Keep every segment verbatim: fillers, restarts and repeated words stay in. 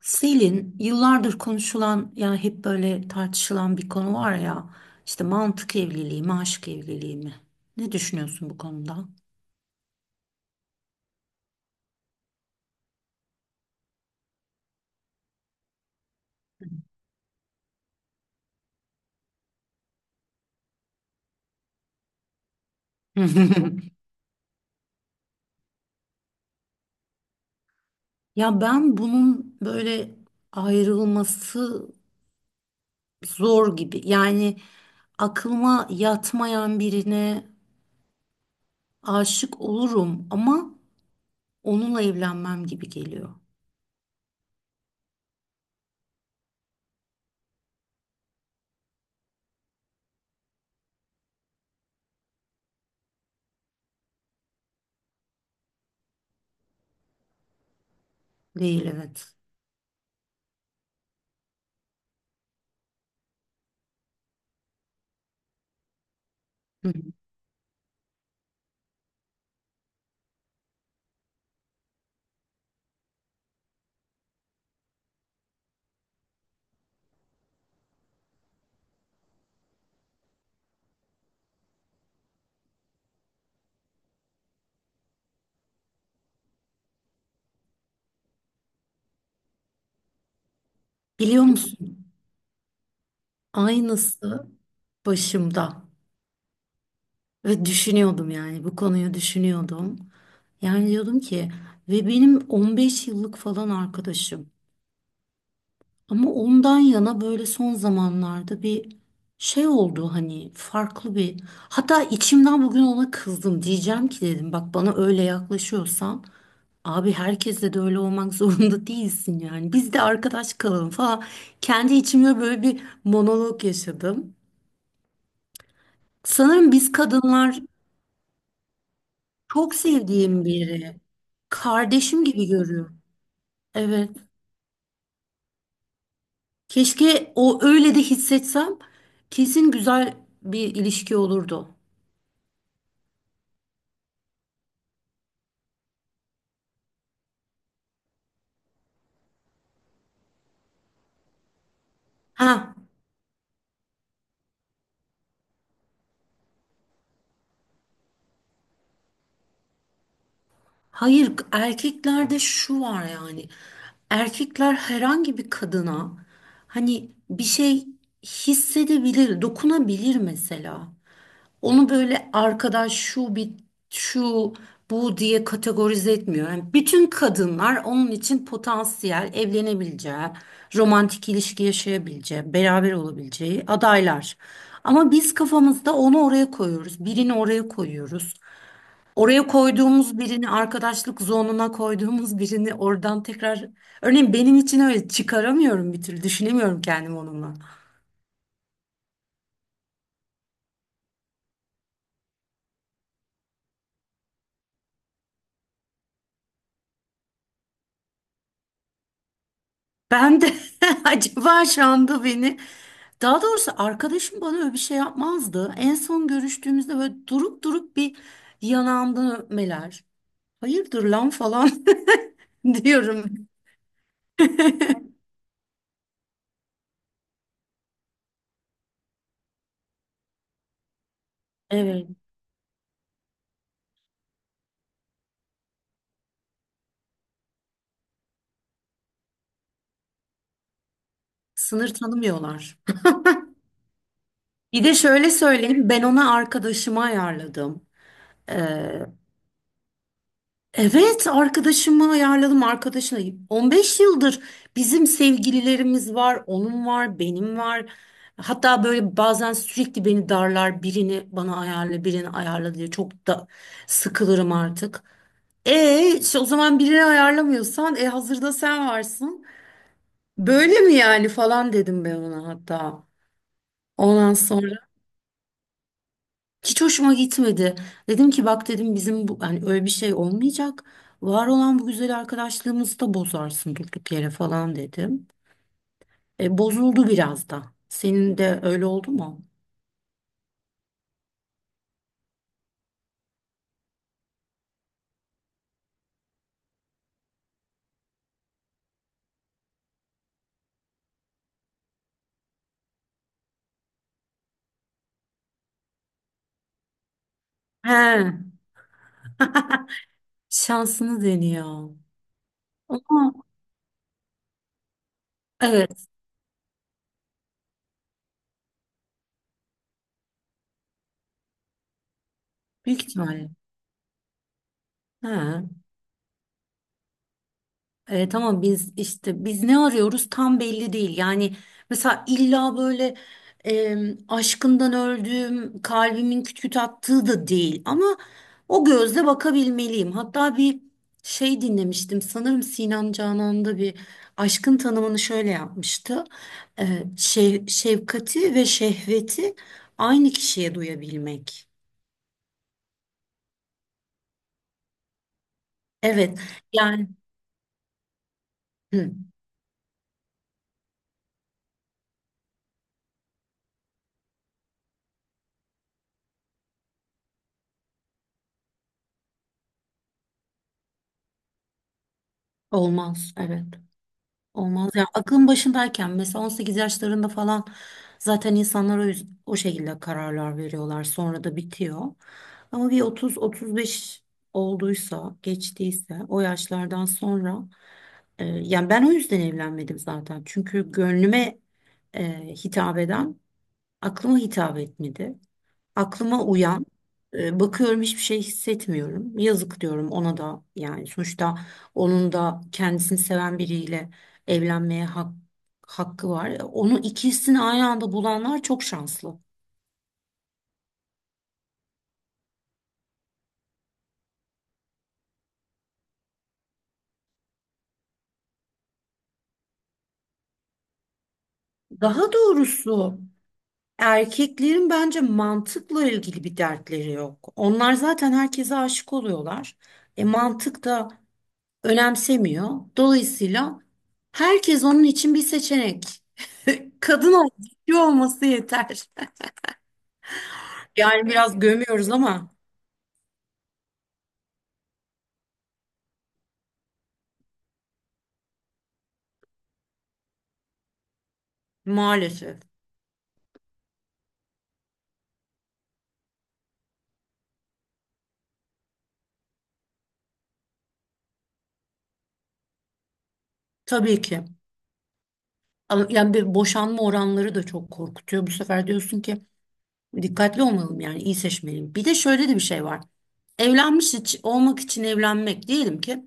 Selin yıllardır konuşulan yani hep böyle tartışılan bir konu var ya işte mantık evliliği mi aşk evliliği mi? Ne düşünüyorsun bu konuda? Ya ben bunun böyle ayrılması zor gibi yani aklıma yatmayan birine aşık olurum ama onunla evlenmem gibi geliyor. Değil evet. Hı. Biliyor musun? Aynısı başımda. Ve düşünüyordum yani bu konuyu düşünüyordum. Yani diyordum ki ve benim on beş yıllık falan arkadaşım. Ama ondan yana böyle son zamanlarda bir şey oldu hani farklı bir. Hatta içimden bugün ona kızdım. Diyeceğim ki dedim bak bana öyle yaklaşıyorsan abi herkesle de öyle olmak zorunda değilsin yani. Biz de arkadaş kalalım falan. Kendi içimde böyle bir monolog yaşadım. Sanırım biz kadınlar çok sevdiğim biri. Kardeşim gibi görüyorum. Evet. Keşke o öyle de hissetsem kesin güzel bir ilişki olurdu. Ha, hayır erkeklerde şu var yani. Erkekler herhangi bir kadına hani bir şey hissedebilir, dokunabilir mesela. Onu böyle arkadaş şu bir şu bu diye kategorize etmiyor. Yani bütün kadınlar onun için potansiyel evlenebileceği, romantik ilişki yaşayabileceği, beraber olabileceği adaylar. Ama biz kafamızda onu oraya koyuyoruz, birini oraya koyuyoruz. Oraya koyduğumuz birini arkadaşlık zonuna koyduğumuz birini oradan tekrar örneğin benim için öyle çıkaramıyorum, bir türlü düşünemiyorum kendimi onunla. Ben de acaba Şam'da beni, daha doğrusu arkadaşım bana öyle bir şey yapmazdı. En son görüştüğümüzde böyle durup durup bir yanağımdan öpmeler. Hayırdır lan falan diyorum. Evet, sınır tanımıyorlar. Bir de şöyle söyleyeyim, ben ona arkadaşımı ayarladım. Ee, Evet, arkadaşımı ayarladım arkadaşına. on beş yıldır bizim sevgililerimiz var, onun var, benim var. Hatta böyle bazen sürekli beni darlar, birini bana ayarla, birini ayarla diye çok da sıkılırım artık. E işte o zaman birini ayarlamıyorsan e hazırda sen varsın. Böyle mi yani falan dedim ben ona hatta. Ondan sonra hiç hoşuma gitmedi. Dedim ki bak dedim, bizim bu hani öyle bir şey olmayacak. Var olan bu güzel arkadaşlığımızı da bozarsın durduk yere falan dedim. E, bozuldu biraz da. Senin de öyle oldu mu? He. Şansını deniyor. Ama evet, büyük ihtimalle. He. E, tamam, biz işte biz ne arıyoruz tam belli değil. Yani mesela illa böyle e, aşkından öldüğüm, kalbimin küt küt attığı da değil. Ama o gözle bakabilmeliyim. Hatta bir şey dinlemiştim. Sanırım Sinan Canan'da bir, aşkın tanımını şöyle yapmıştı. E, şev- şefkati ve şehveti aynı kişiye duyabilmek. Evet yani hı, olmaz evet. Olmaz ya. Aklın başındayken mesela on sekiz yaşlarında falan zaten insanlar o, yüz- o şekilde kararlar veriyorlar. Sonra da bitiyor. Ama bir otuz otuz beş olduysa, geçtiyse o yaşlardan sonra, e, yani ben o yüzden evlenmedim zaten. Çünkü gönlüme e, hitap eden aklıma hitap etmedi. Aklıma uyan, e, bakıyorum hiçbir şey hissetmiyorum. Yazık diyorum ona da yani, sonuçta onun da kendisini seven biriyle evlenmeye hak, hakkı var. Onu, ikisini aynı anda bulanlar çok şanslı. Daha doğrusu erkeklerin bence mantıkla ilgili bir dertleri yok. Onlar zaten herkese aşık oluyorlar. E mantık da önemsemiyor. Dolayısıyla herkes onun için bir seçenek. Kadın erkek olması yeter. Yani biraz gömüyoruz ama maalesef. Tabii ki. Ama yani bir, boşanma oranları da çok korkutuyor. Bu sefer diyorsun ki dikkatli olmalım yani, iyi seçmeliyim. Bir de şöyle de bir şey var. Evlenmiş iç- olmak için evlenmek diyelim ki,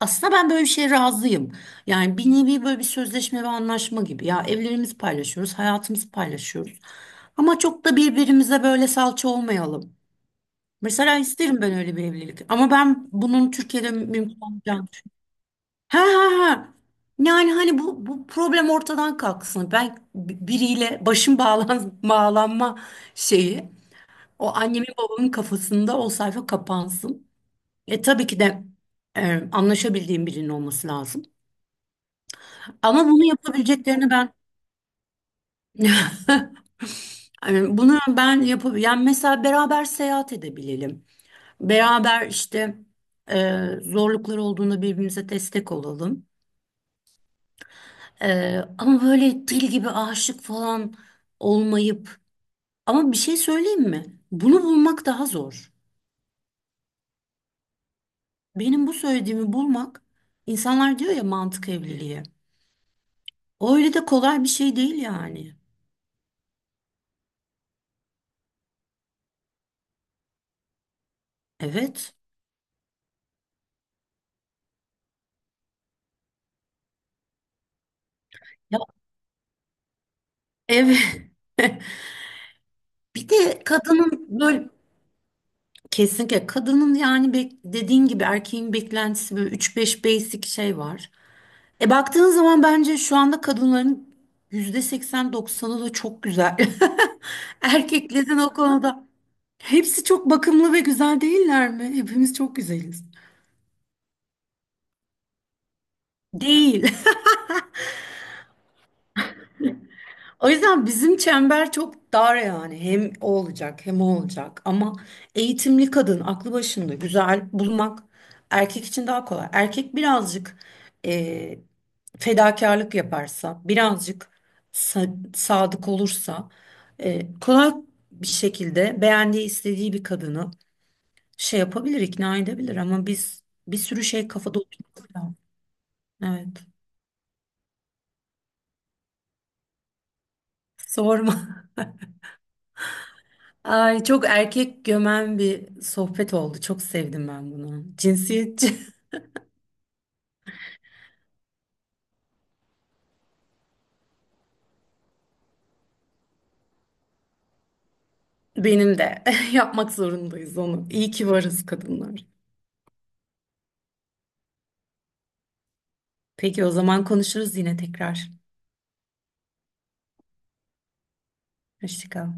aslında ben böyle bir şeye razıyım. Yani bir nevi böyle bir sözleşme ve anlaşma gibi. Ya evlerimizi paylaşıyoruz, hayatımızı paylaşıyoruz. Ama çok da birbirimize böyle salça olmayalım. Mesela isterim ben öyle bir evlilik. Ama ben bunun Türkiye'de mümkün olacağını düşünüyorum. Ha ha ha. Yani hani bu, bu problem ortadan kalksın. Ben bi- biriyle başım bağlan, bağlanma şeyi, o annemin babamın kafasında o sayfa kapansın. E tabii ki de, e, anlaşabildiğim birinin olması lazım. Ama bunu yapabileceklerini ben yani bunu ben yapab yani mesela beraber seyahat edebilelim. Beraber işte e, zorlukları olduğunda birbirimize destek olalım. E, ama böyle dil gibi aşık falan olmayıp, ama bir şey söyleyeyim mi? Bunu bulmak daha zor. Benim bu söylediğimi bulmak, insanlar diyor ya mantık evliliği. Öyle de kolay bir şey değil yani. Evet. Ya, evet. Bir de kadının böyle, kesinlikle kadının yani bek- dediğin gibi erkeğin beklentisi böyle üç beş basic şey var. E baktığın zaman bence şu anda kadınların yüzde seksen doksanı da çok güzel. Erkeklerin o konuda hepsi çok bakımlı ve güzel değiller mi? Hepimiz çok güzeliz. Değil. O yüzden bizim çember çok dar yani. Hem o olacak hem o olacak. Ama eğitimli kadın, aklı başında, güzel bulmak erkek için daha kolay. Erkek birazcık e, fedakarlık yaparsa, birazcık sa- sadık olursa, e, kolay bir şekilde beğendiği, istediği bir kadını şey yapabilir, ikna edebilir. Ama biz bir sürü şey kafada oturtuyor. Evet. Sorma. Ay çok erkek gömen bir sohbet oldu. Çok sevdim ben bunu. Cinsiyetçi benim de. Yapmak zorundayız onu. İyi ki varız kadınlar. Peki o zaman konuşuruz yine tekrar. Hoşça kal.